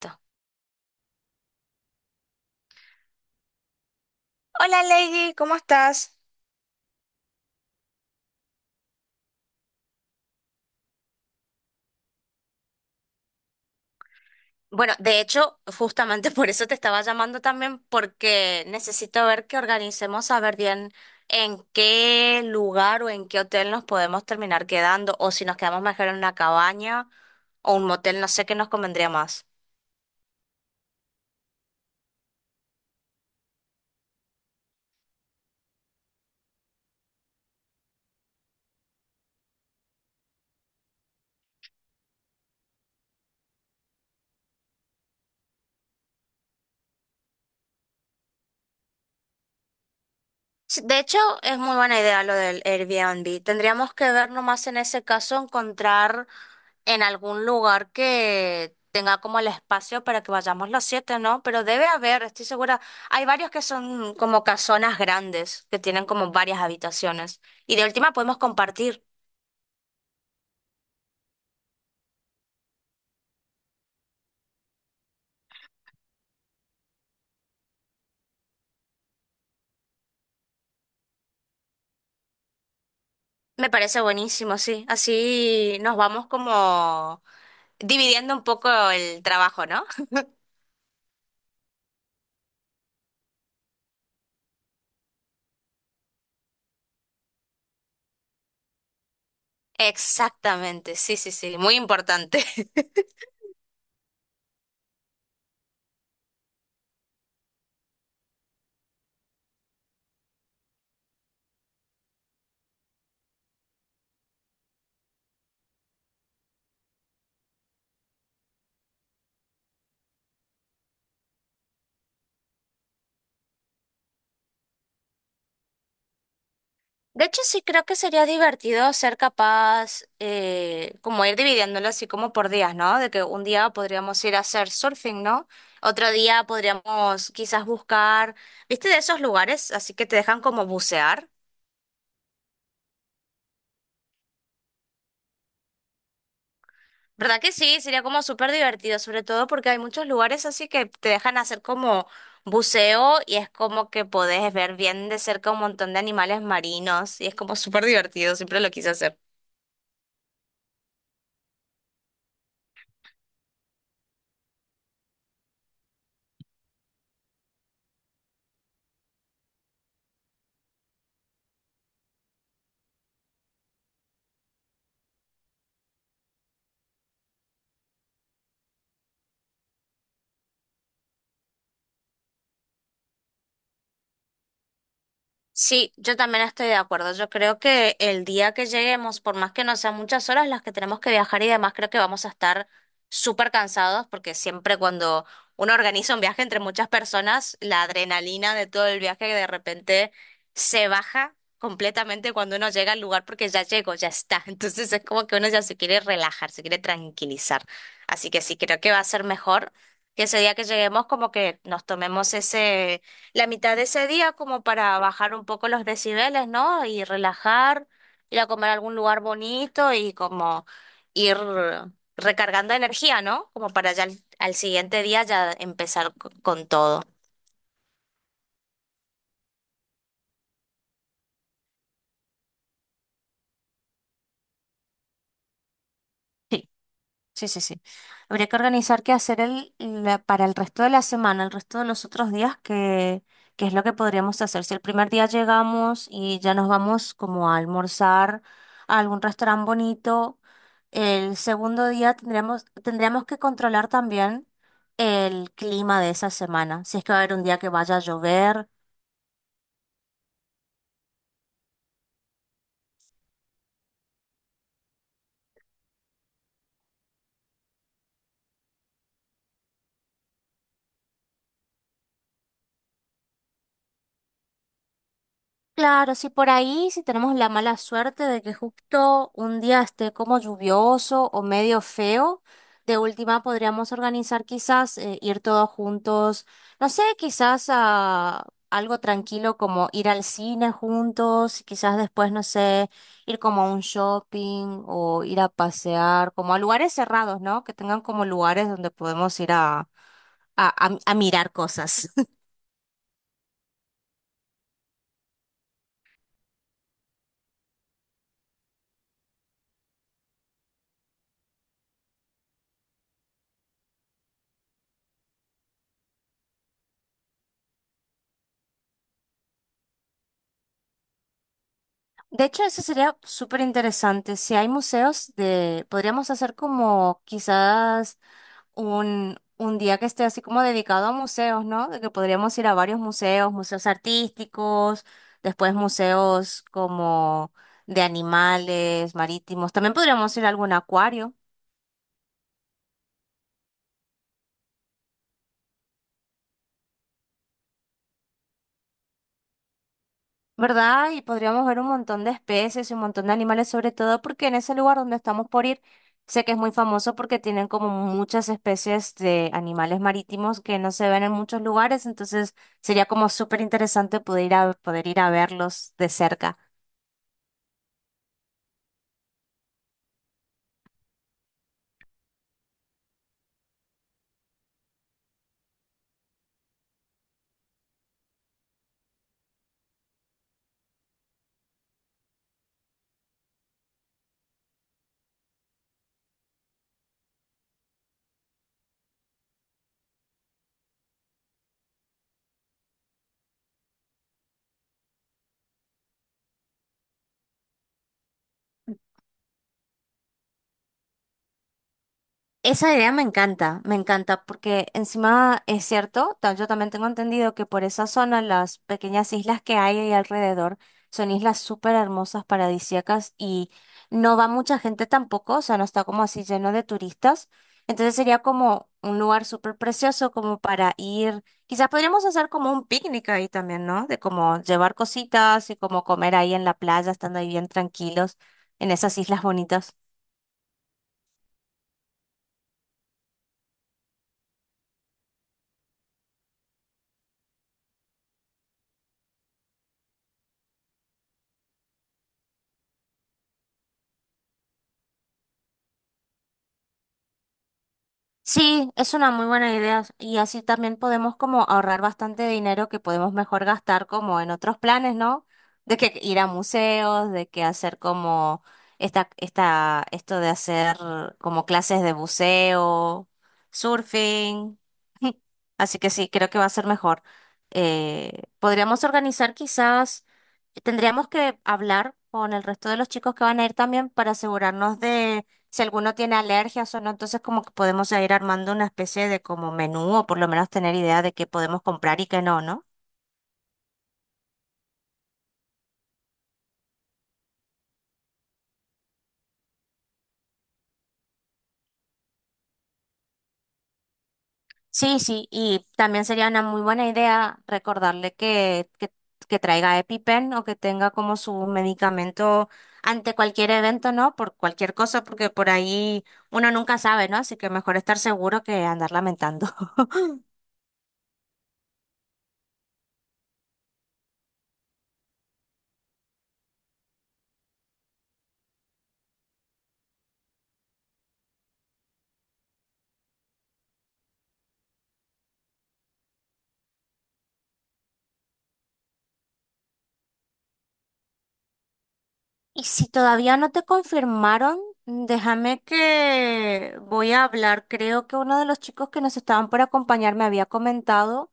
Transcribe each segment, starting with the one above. Listo. Hola Lady, ¿cómo estás? Bueno, de hecho, justamente por eso te estaba llamando también, porque necesito ver que organicemos a ver bien en qué lugar o en qué hotel nos podemos terminar quedando, o si nos quedamos mejor en una cabaña o un motel, no sé qué nos convendría más. Sí, de hecho, es muy buena idea lo del Airbnb. Tendríamos que ver nomás en ese caso encontrar en algún lugar que tenga como el espacio para que vayamos los siete, ¿no? Pero debe haber, estoy segura. Hay varios que son como casonas grandes, que tienen como varias habitaciones. Y de última podemos compartir. Me parece buenísimo, sí. Así nos vamos como dividiendo un poco el trabajo, ¿no? Exactamente, sí, sí, sí, muy importante. De hecho, sí creo que sería divertido ser capaz, como ir dividiéndolo así como por días, ¿no? De que un día podríamos ir a hacer surfing, ¿no? Otro día podríamos quizás buscar, ¿viste? De esos lugares, así que te dejan como bucear. ¿Verdad que sí? Sería como súper divertido, sobre todo porque hay muchos lugares así que te dejan hacer como buceo y es como que podés ver bien de cerca un montón de animales marinos y es como súper divertido, siempre lo quise hacer. Sí, yo también estoy de acuerdo. Yo creo que el día que lleguemos, por más que no sean muchas horas las que tenemos que viajar y demás, creo que vamos a estar súper cansados porque siempre cuando uno organiza un viaje entre muchas personas, la adrenalina de todo el viaje de repente se baja completamente cuando uno llega al lugar porque ya llegó, ya está. Entonces es como que uno ya se quiere relajar, se quiere tranquilizar. Así que sí, creo que va a ser mejor que ese día que lleguemos como que nos tomemos ese la mitad de ese día como para bajar un poco los decibeles, ¿no? Y relajar, ir a comer a algún lugar bonito y como ir recargando energía, ¿no? Como para ya al, al siguiente día ya empezar con todo. Sí, sí, sí, sí. Habría que organizar qué hacer para el resto de la semana, el resto de los otros días, qué es lo que podríamos hacer. Si el primer día llegamos y ya nos vamos como a almorzar a algún restaurante bonito. El segundo día tendremos, tendremos que controlar también el clima de esa semana. Si es que va a haber un día que vaya a llover. Claro, si por ahí, si tenemos la mala suerte de que justo un día esté como lluvioso o medio feo, de última podríamos organizar quizás ir todos juntos, no sé, quizás a algo tranquilo como ir al cine juntos, quizás después, no sé, ir como a un shopping o ir a pasear, como a lugares cerrados, ¿no? Que tengan como lugares donde podemos ir a mirar cosas. De hecho, eso sería súper interesante. Si hay museos de, podríamos hacer como quizás un día que esté así como dedicado a museos, ¿no? De que podríamos ir a varios museos, museos artísticos, después museos como de animales, marítimos. También podríamos ir a algún acuario. ¿Verdad? Y podríamos ver un montón de especies y un montón de animales, sobre todo porque en ese lugar donde estamos por ir, sé que es muy famoso porque tienen como muchas especies de animales marítimos que no se ven en muchos lugares, entonces sería como súper interesante poder ir a verlos de cerca. Esa idea me encanta, porque encima es cierto, yo también tengo entendido que por esa zona las pequeñas islas que hay ahí alrededor son islas súper hermosas, paradisíacas y no va mucha gente tampoco, o sea, no está como así lleno de turistas. Entonces sería como un lugar súper precioso como para ir, quizás podríamos hacer como un picnic ahí también, ¿no? De como llevar cositas y como comer ahí en la playa, estando ahí bien tranquilos en esas islas bonitas. Sí, es una muy buena idea y así también podemos como ahorrar bastante dinero que podemos mejor gastar como en otros planes, ¿no? De que ir a museos, de que hacer como esto de hacer como clases de buceo, surfing. Así que sí, creo que va a ser mejor. Podríamos organizar quizás, tendríamos que hablar con el resto de los chicos que van a ir también para asegurarnos si alguno tiene alergias o no, entonces como que podemos ir armando una especie de como menú o por lo menos tener idea de qué podemos comprar y qué no, ¿no? Sí, sí, y también sería una muy buena idea recordarle que traiga EpiPen o que tenga como su medicamento ante cualquier evento, ¿no? Por cualquier cosa, porque por ahí uno nunca sabe, ¿no? Así que mejor estar seguro que andar lamentando. Y si todavía no te confirmaron, déjame que voy a hablar. Creo que uno de los chicos que nos estaban por acompañar me había comentado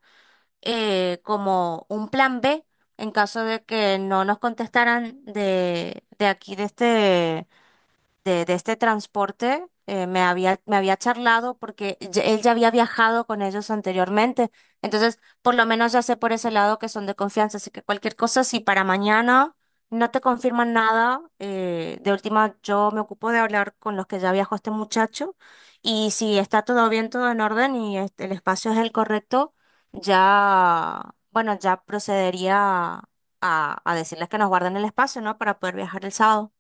como un plan B en caso de que no nos contestaran de aquí, de este transporte me había charlado porque él ya había viajado con ellos anteriormente. Entonces, por lo menos ya sé por ese lado que son de confianza. Así que cualquier cosa, si para mañana no te confirman nada, de última yo me ocupo de hablar con los que ya viajó este muchacho. Y si está todo bien, todo en orden y este, el espacio es el correcto, ya, bueno, ya procedería a decirles que nos guarden el espacio, ¿no? Para poder viajar el sábado.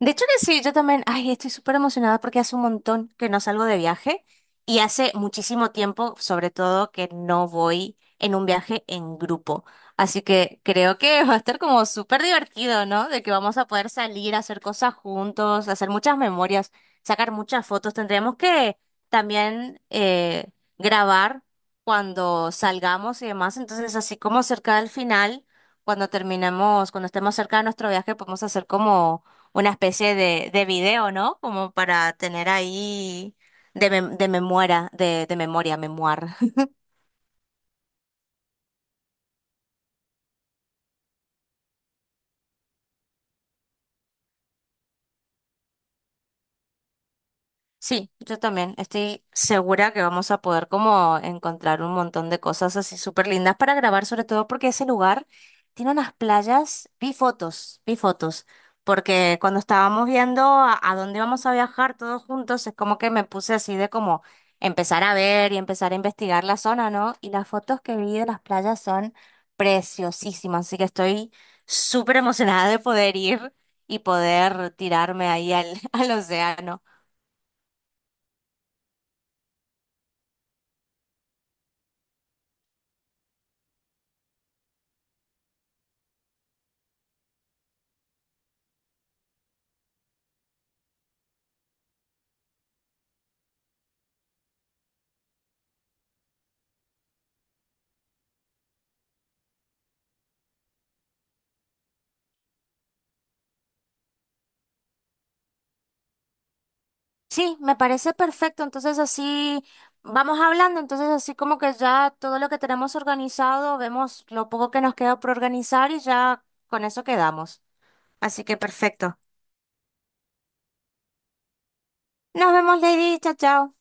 De hecho que sí, yo también, ay, estoy súper emocionada porque hace un montón que no salgo de viaje y hace muchísimo tiempo, sobre todo, que no voy en un viaje en grupo. Así que creo que va a estar como súper divertido, ¿no? De que vamos a poder salir, a hacer cosas juntos, hacer muchas memorias, sacar muchas fotos. Tendremos que también grabar cuando salgamos y demás. Entonces, así como cerca del final, cuando terminemos, cuando estemos cerca de nuestro viaje, podemos hacer como una especie de video, ¿no? Como para tener ahí de memoria, de memoria, memoir. Sí, yo también estoy segura que vamos a poder como encontrar un montón de cosas así súper lindas para grabar, sobre todo porque ese lugar tiene unas playas, vi fotos, porque cuando estábamos viendo a dónde vamos a viajar todos juntos, es como que me puse así de como empezar a ver y empezar a investigar la zona, ¿no? Y las fotos que vi de las playas son preciosísimas, así que estoy súper emocionada de poder ir y poder tirarme ahí al, al océano. Sí, me parece perfecto. Entonces así vamos hablando. Entonces así como que ya todo lo que tenemos organizado, vemos lo poco que nos queda por organizar y ya con eso quedamos. Así que perfecto. Nos vemos, Lady. Chao, chao.